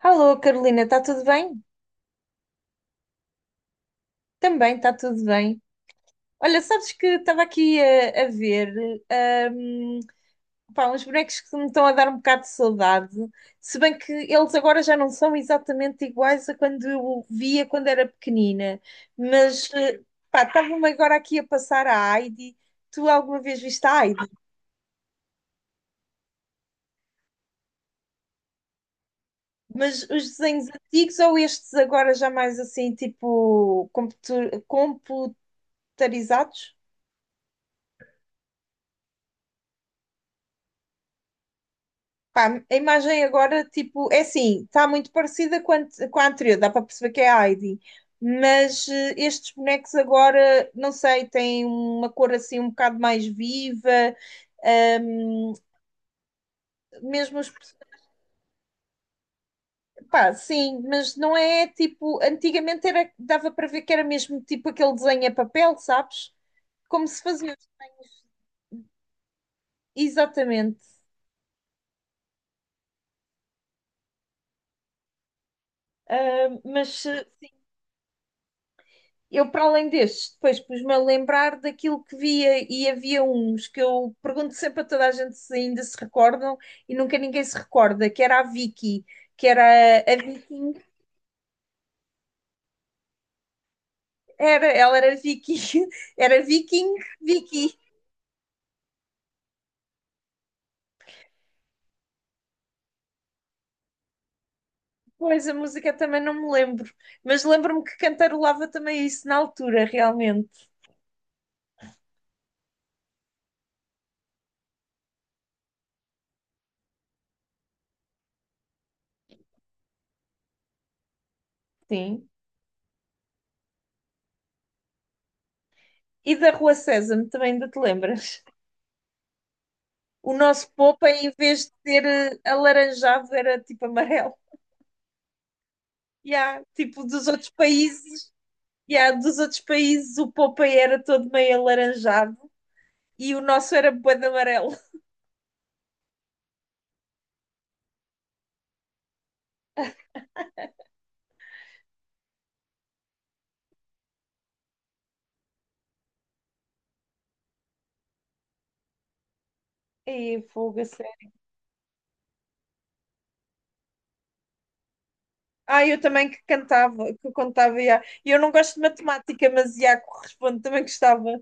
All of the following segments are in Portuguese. Alô, Carolina, está tudo bem? Também está tudo bem. Olha, sabes que estava aqui a ver hum, pá, uns bonecos que me estão a dar um bocado de saudade, se bem que eles agora já não são exatamente iguais a quando eu via quando era pequenina, mas pá, estava-me agora aqui a passar a Heidi. Tu alguma vez viste a Heidi? Mas os desenhos antigos ou estes agora já mais assim, tipo computarizados? Pá, a imagem agora, tipo, é assim, está muito parecida com com a anterior, dá para perceber que é a Heidi, mas estes bonecos agora, não sei, têm uma cor assim um bocado mais viva, mesmo pá, sim, mas não é tipo, antigamente era, dava para ver que era mesmo tipo aquele desenho a papel, sabes? Como se fazia os desenhos, exatamente. Mas eu, para além destes, depois pus-me a lembrar daquilo que via e havia uns que eu pergunto sempre a toda a gente se ainda se recordam e nunca ninguém se recorda, que era a Vicky, que era a Viking, era, ela era Vicky, era Viking, Vicky. Pois, a música também não me lembro, mas lembro-me que cantarolava também isso na altura, realmente, sim. E da Rua Sésamo, também ainda te lembras? O nosso Popa, em vez de ser alaranjado, era tipo amarelo. Yeah, tipo, dos outros países, yeah, dos outros países o Popeye era todo meio alaranjado e o nosso era bué de amarelo. E fogo, a sério. Ah, eu também que cantava, que contava, yeah. E eu não gosto de matemática, mas yeah, corresponde, também gostava.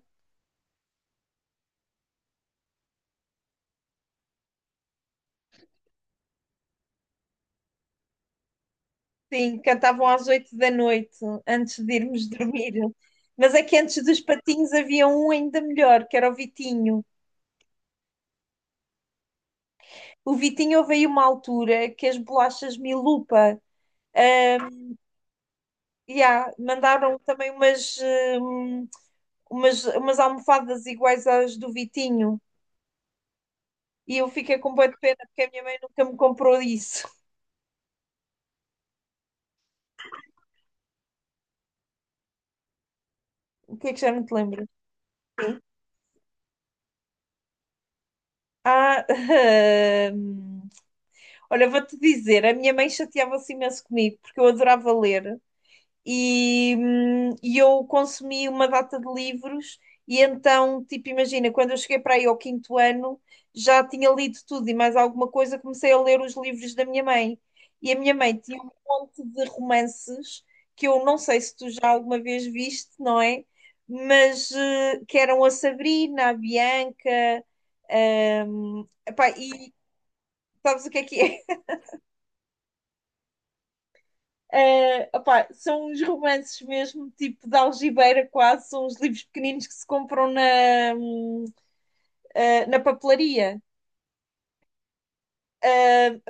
Sim, cantavam às 8 da noite, antes de irmos dormir. Mas é que antes dos patinhos havia um ainda melhor, que era o Vitinho. O Vitinho houve aí uma altura que as bolachas Milupa, ah, e há, mandaram também umas, hum, umas almofadas iguais às do Vitinho. E eu fiquei com boa de pena porque a minha mãe nunca me comprou isso. O que é que já não te lembro? Ah, hum, olha, vou-te dizer, a minha mãe chateava-se imenso comigo porque eu adorava ler e eu consumi uma data de livros, e então, tipo, imagina, quando eu cheguei para aí ao 5º ano, já tinha lido tudo e mais alguma coisa, comecei a ler os livros da minha mãe. E a minha mãe tinha um monte de romances que eu não sei se tu já alguma vez viste, não é? Mas que eram a Sabrina, a Bianca, epá, e sabes o que é que é? Opá, são uns romances mesmo, tipo de algibeira quase, são uns livros pequeninos que se compram na, hum, na papelaria.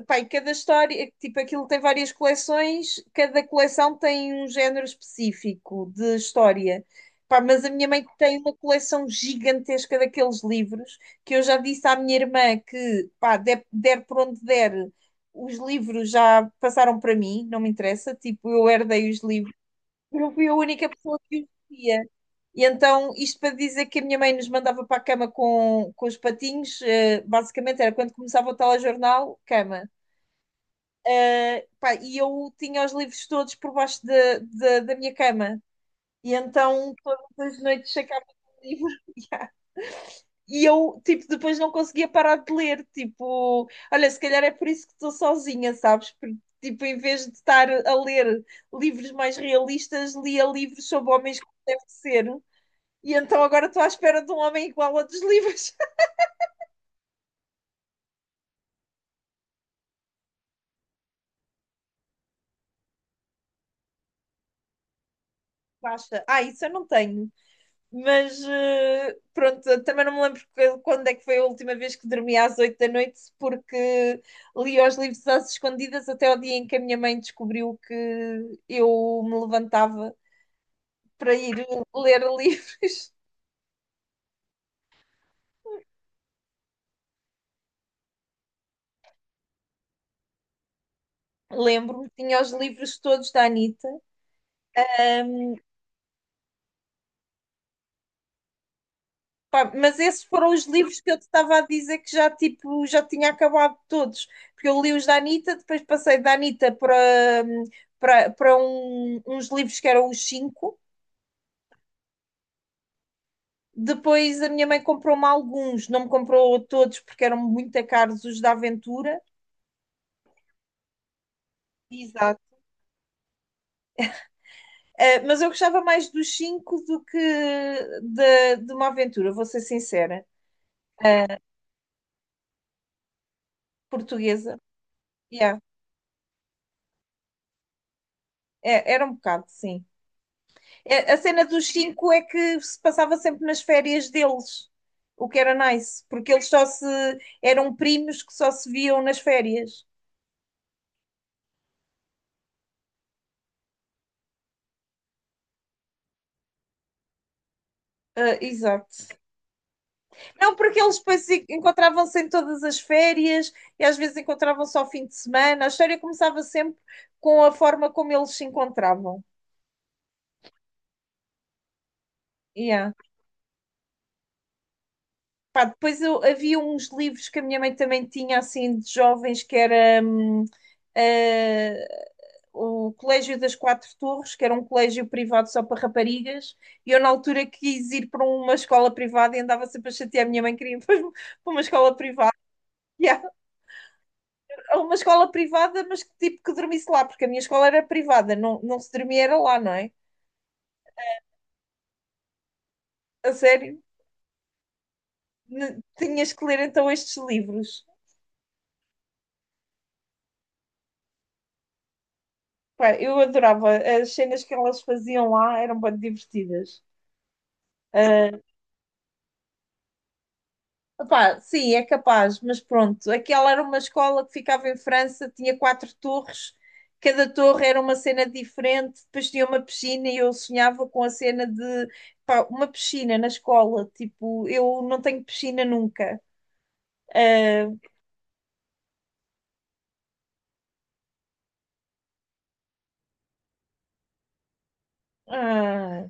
Opá, e cada história, tipo, aquilo tem várias coleções, cada coleção tem um género específico de história. Pá, mas a minha mãe tem uma coleção gigantesca daqueles livros que eu já disse à minha irmã que, pá, der, der por onde der, os livros já passaram para mim, não me interessa, tipo, eu herdei os livros. Eu fui a única pessoa que o via. E então, isto para dizer que a minha mãe nos mandava para a cama com os patinhos, basicamente era quando começava o telejornal, cama. Pá, e eu tinha os livros todos por baixo da minha cama. E então, todas as noites sacava o livro. E eu, tipo, depois não conseguia parar de ler. Tipo, olha, se calhar é por isso que estou sozinha, sabes? Porque, tipo, em vez de estar a ler livros mais realistas, lia livros sobre homens como deve ser. E então agora estou à espera de um homem igual a dos livros. Basta. Ah, isso eu não tenho. Mas pronto, eu também não me lembro quando é que foi a última vez que dormi às 8 da noite, porque li os livros às escondidas até o dia em que a minha mãe descobriu que eu me levantava para ir ler livros. Lembro-me, tinha os livros todos da Anitta, um, pá, mas esses foram os livros que eu te estava a dizer que já, tipo, já tinha acabado todos, porque eu li os da Anitta, depois passei da Anitta para um, uns livros que eram os cinco, depois a minha mãe comprou-me alguns, não me comprou todos porque eram muito caros os da Aventura. Exato. Mas eu gostava mais dos cinco do que de uma aventura, vou ser sincera, uh, portuguesa. Yeah. É, era um bocado, sim. É, a cena dos cinco é que se passava sempre nas férias deles, o que era nice, porque eles só se eram primos que só se viam nas férias. Ah, exato. Não, porque eles depois encontravam-se em todas as férias e às vezes encontravam-se ao fim de semana. A história começava sempre com a forma como eles se encontravam. Yeah. Pá, depois havia uns livros que a minha mãe também tinha, assim, de jovens, que era eh, o Colégio das Quatro Torres, que era um colégio privado só para raparigas, e eu na altura quis ir para uma escola privada e andava sempre a chatear a minha mãe, queria ir para uma escola privada. Yeah, uma escola privada, mas que tipo que dormisse lá, porque a minha escola era privada, não, não se dormia era lá, não é? A sério? N- Tinhas que ler então estes livros. Pá, eu adorava. As cenas que elas faziam lá eram bem divertidas. Ah, pá, sim, é capaz, mas pronto. Aquela era uma escola que ficava em França, tinha 4 torres, cada torre era uma cena diferente, depois tinha uma piscina e eu sonhava com a cena de pá, uma piscina na escola. Tipo, eu não tenho piscina nunca. Ah, ah,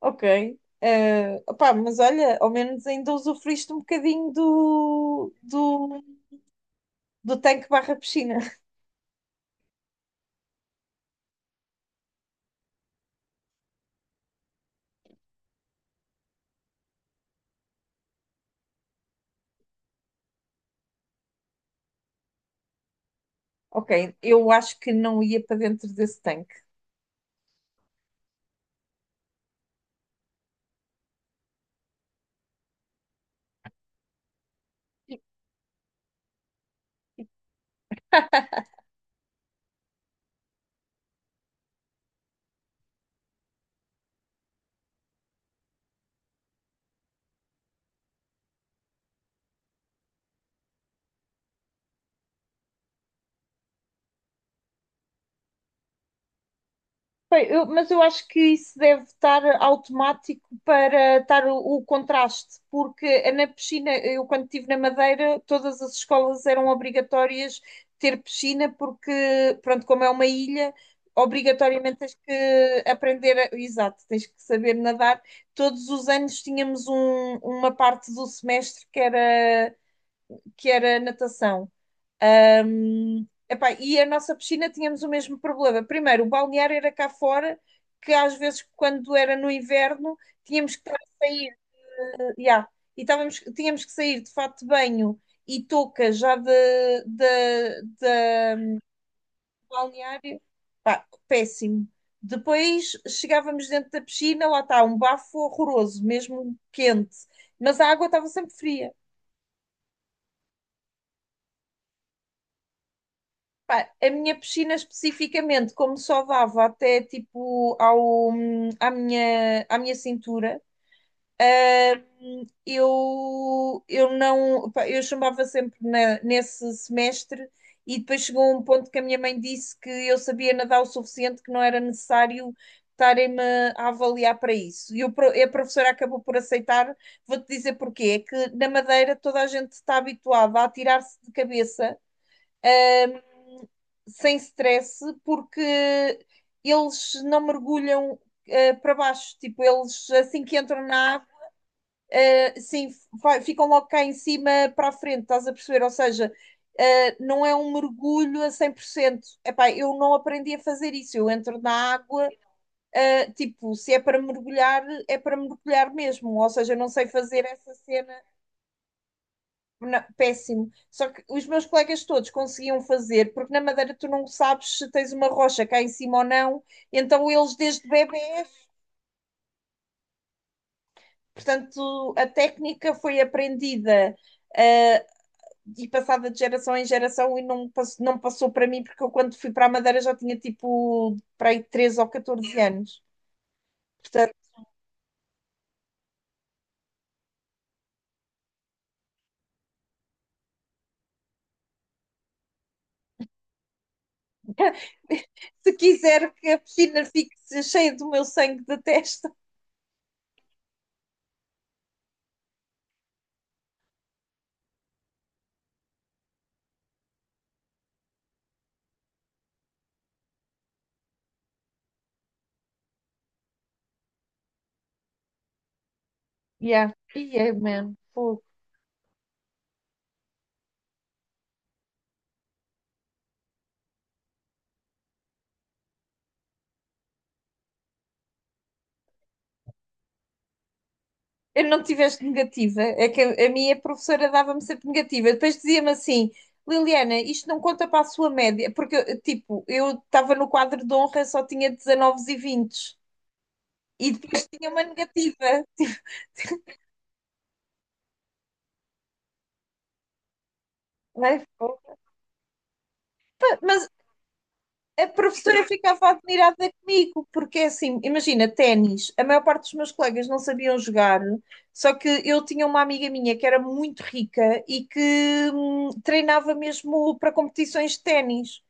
ok. Ah, opá, mas olha, ao menos ainda usufruíste um bocadinho do tanque barra piscina. Ok, eu acho que não ia para dentro desse tanque. Bem, mas eu acho que isso deve estar automático para estar o contraste, porque na piscina, eu quando estive na Madeira, todas as escolas eram obrigatórias ter piscina, porque, pronto, como é uma ilha, obrigatoriamente tens que aprender, exato, tens que saber nadar. Todos os anos tínhamos uma parte do semestre que era natação. Epá, e a nossa piscina tínhamos o mesmo problema. Primeiro, o balneário era cá fora, que às vezes, quando era no inverno, tínhamos que estar a sair, já, e estávamos, tínhamos que sair de fato de banho e touca já de balneário. Pá, péssimo. Depois chegávamos dentro da piscina, lá está, um bafo horroroso, mesmo quente, mas a água estava sempre fria. Pá, a minha piscina especificamente, como só dava até tipo ao, à minha cintura, ah, eu não, pá, eu chumbava sempre nesse semestre e depois chegou um ponto que a minha mãe disse que eu sabia nadar o suficiente, que não era necessário estarem-me a avaliar para isso. E o e a professora acabou por aceitar. Vou-te dizer porquê. É que na Madeira toda a gente está habituada a atirar-se de cabeça sem stress, porque eles não mergulham para baixo. Tipo, eles assim que entram na água, eh, sim, ficam logo cá em cima para a frente, estás a perceber? Ou seja, não é um mergulho a 100%. Epá, eu não aprendi a fazer isso. Eu entro na água, tipo, se é para mergulhar, é para mergulhar mesmo. Ou seja, eu não sei fazer essa cena. Não, péssimo. Só que os meus colegas todos conseguiam fazer, porque na Madeira tu não sabes se tens uma rocha cá em cima ou não, então eles desde bebés, portanto, a técnica foi aprendida eh, e passada de geração em geração e não, não passou para mim, porque eu quando fui para a Madeira já tinha tipo para aí 13 ou 14 anos. Portanto, se quiser que a piscina fique cheia do meu sangue da testa. Yeah. Yeah, man. Fogo. Eu não tiveste negativa, é que a minha professora dava-me sempre negativa. Depois dizia-me assim: Liliana, isto não conta para a sua média, porque eu, tipo, eu estava no quadro de honra, só tinha 19 e 20 e depois tinha uma negativa. Tipo, né? Mas a professora ficava admirada comigo, porque é assim, imagina, ténis, a maior parte dos meus colegas não sabiam jogar, só que eu tinha uma amiga minha que era muito rica e que treinava mesmo para competições de ténis.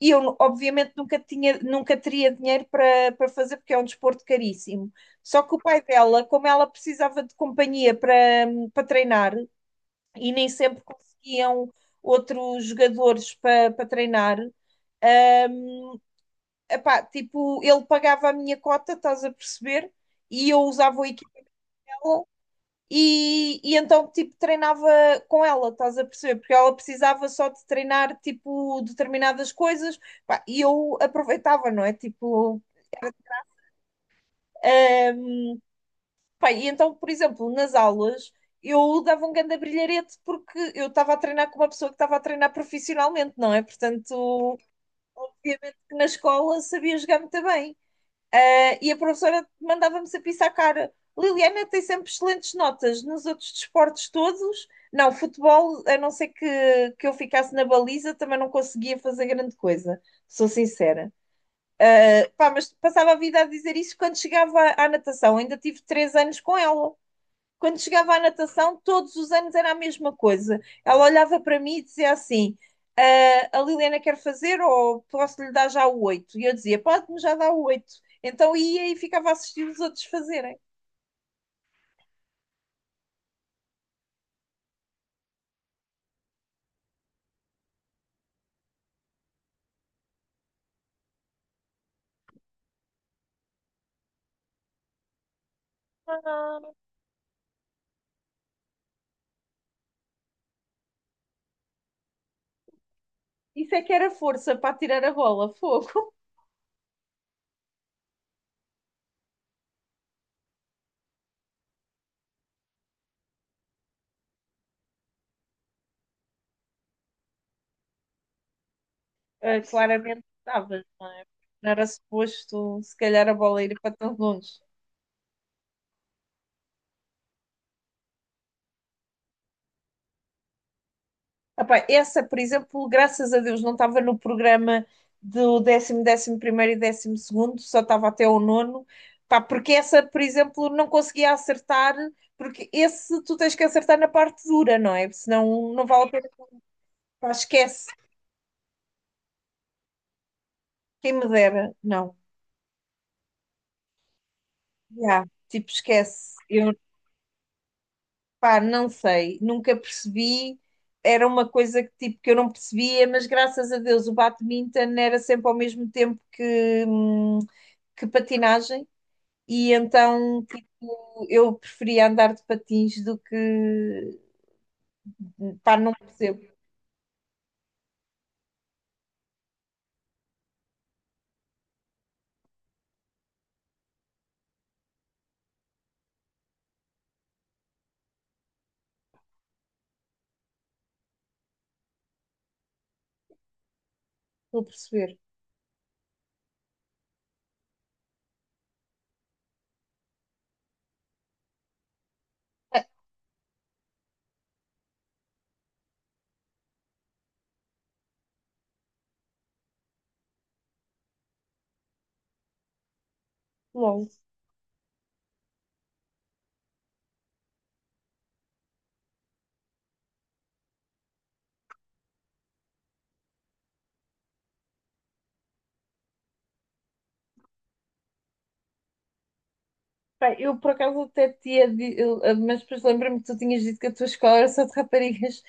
E eu, obviamente, nunca tinha, nunca teria dinheiro para fazer, porque é um desporto caríssimo. Só que o pai dela, como ela precisava de companhia para treinar, e nem sempre conseguiam outros jogadores para treinar, hum, epá, tipo, ele pagava a minha cota, estás a perceber? E eu usava o equipe. E então, tipo, treinava com ela, estás a perceber? Porque ela precisava só de treinar, tipo, determinadas coisas, pá, e eu aproveitava, não é? Tipo, pá, e então, por exemplo, nas aulas eu dava um grande brilharete porque eu estava a treinar com uma pessoa que estava a treinar profissionalmente, não é? Portanto, obviamente que na escola sabia jogar muito bem. Ah, e a professora mandava-me sempre isso à cara. Liliana tem sempre excelentes notas nos outros desportos todos. Não, futebol, a não ser que eu ficasse na baliza, também não conseguia fazer grande coisa, sou sincera. Ah, pá, mas passava a vida a dizer isso quando chegava à natação. Ainda tive 3 anos com ela. Quando chegava à natação, todos os anos era a mesma coisa. Ela olhava para mim e dizia assim: "Ah, a Liliana quer fazer ou posso lhe dar já o oito?" E eu dizia: "Pode-me já dar o oito." Então ia e ficava a assistir os outros fazerem. Ah, isso é que era força para tirar a bola, fogo. Claramente estavas, não é? Não era suposto, se calhar, a bola ir para tão longe. Epá, essa, por exemplo, graças a Deus, não estava no programa do 10.º, 11.º e 12.º, só estava até o nono. Pá, porque essa, por exemplo, não conseguia acertar, porque esse tu tens que acertar na parte dura, não é? Senão não vale a pena. Pá, esquece. Quem me dera. Não. Já, tipo, esquece. Eu pá, não sei, nunca percebi. Era uma coisa que, tipo, que, eu não percebia, mas graças a Deus o badminton era sempre ao mesmo tempo que patinagem, e então tipo, eu preferia andar de patins do que. Pá, não percebo, estou a perceber. Logo. Pá, eu por acaso até tinha. Mas depois lembro-me que tu tinhas dito que a tua escola era só de raparigas,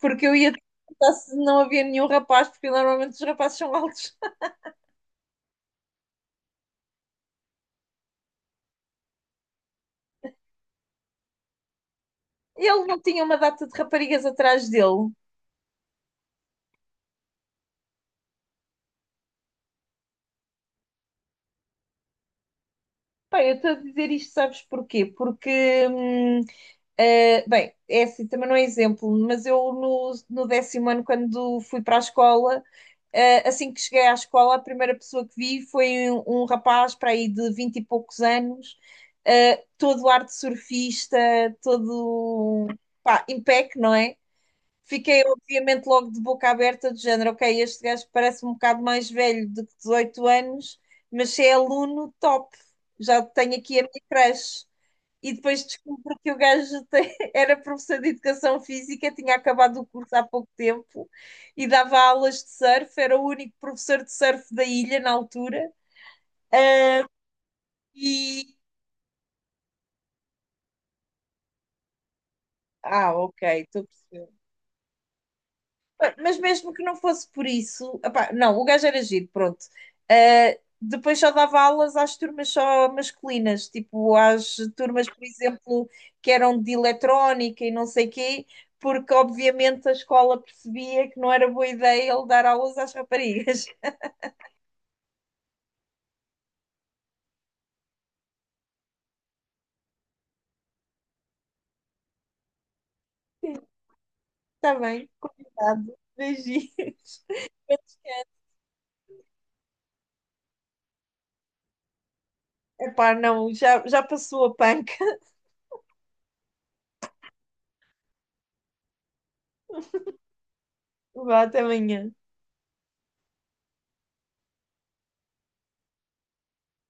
porque eu ia te perguntar se não havia nenhum rapaz, porque normalmente os rapazes são altos. Ele não tinha uma data de raparigas atrás dele? Bem, eu estou a dizer isto, sabes porquê? Porque, hum, bem, é assim, também não é exemplo, mas eu no 10.º ano, quando fui para a escola, assim que cheguei à escola, a primeira pessoa que vi foi um rapaz para aí de vinte e poucos anos, todo ar de surfista, todo, pá, impec, não é? Fiquei, obviamente, logo de boca aberta, do género, ok, este gajo parece um bocado mais velho de que 18 anos, mas se é aluno, top, já tenho aqui a minha creche. E depois descubro que o gajo era professor de educação física, tinha acabado o curso há pouco tempo e dava aulas de surf, era o único professor de surf da ilha na altura. E, ah, ok, estou a perceber. Mas mesmo que não fosse por isso, epá, não, o gajo era giro, pronto. Ah, depois só dava aulas às turmas só masculinas, tipo às turmas, por exemplo, que eram de eletrónica e não sei quê, porque obviamente a escola percebia que não era boa ideia ele dar aulas às raparigas. Está bem, obrigado. Beijinhos. Epá, não, já, já passou a panca. Vá, até amanhã.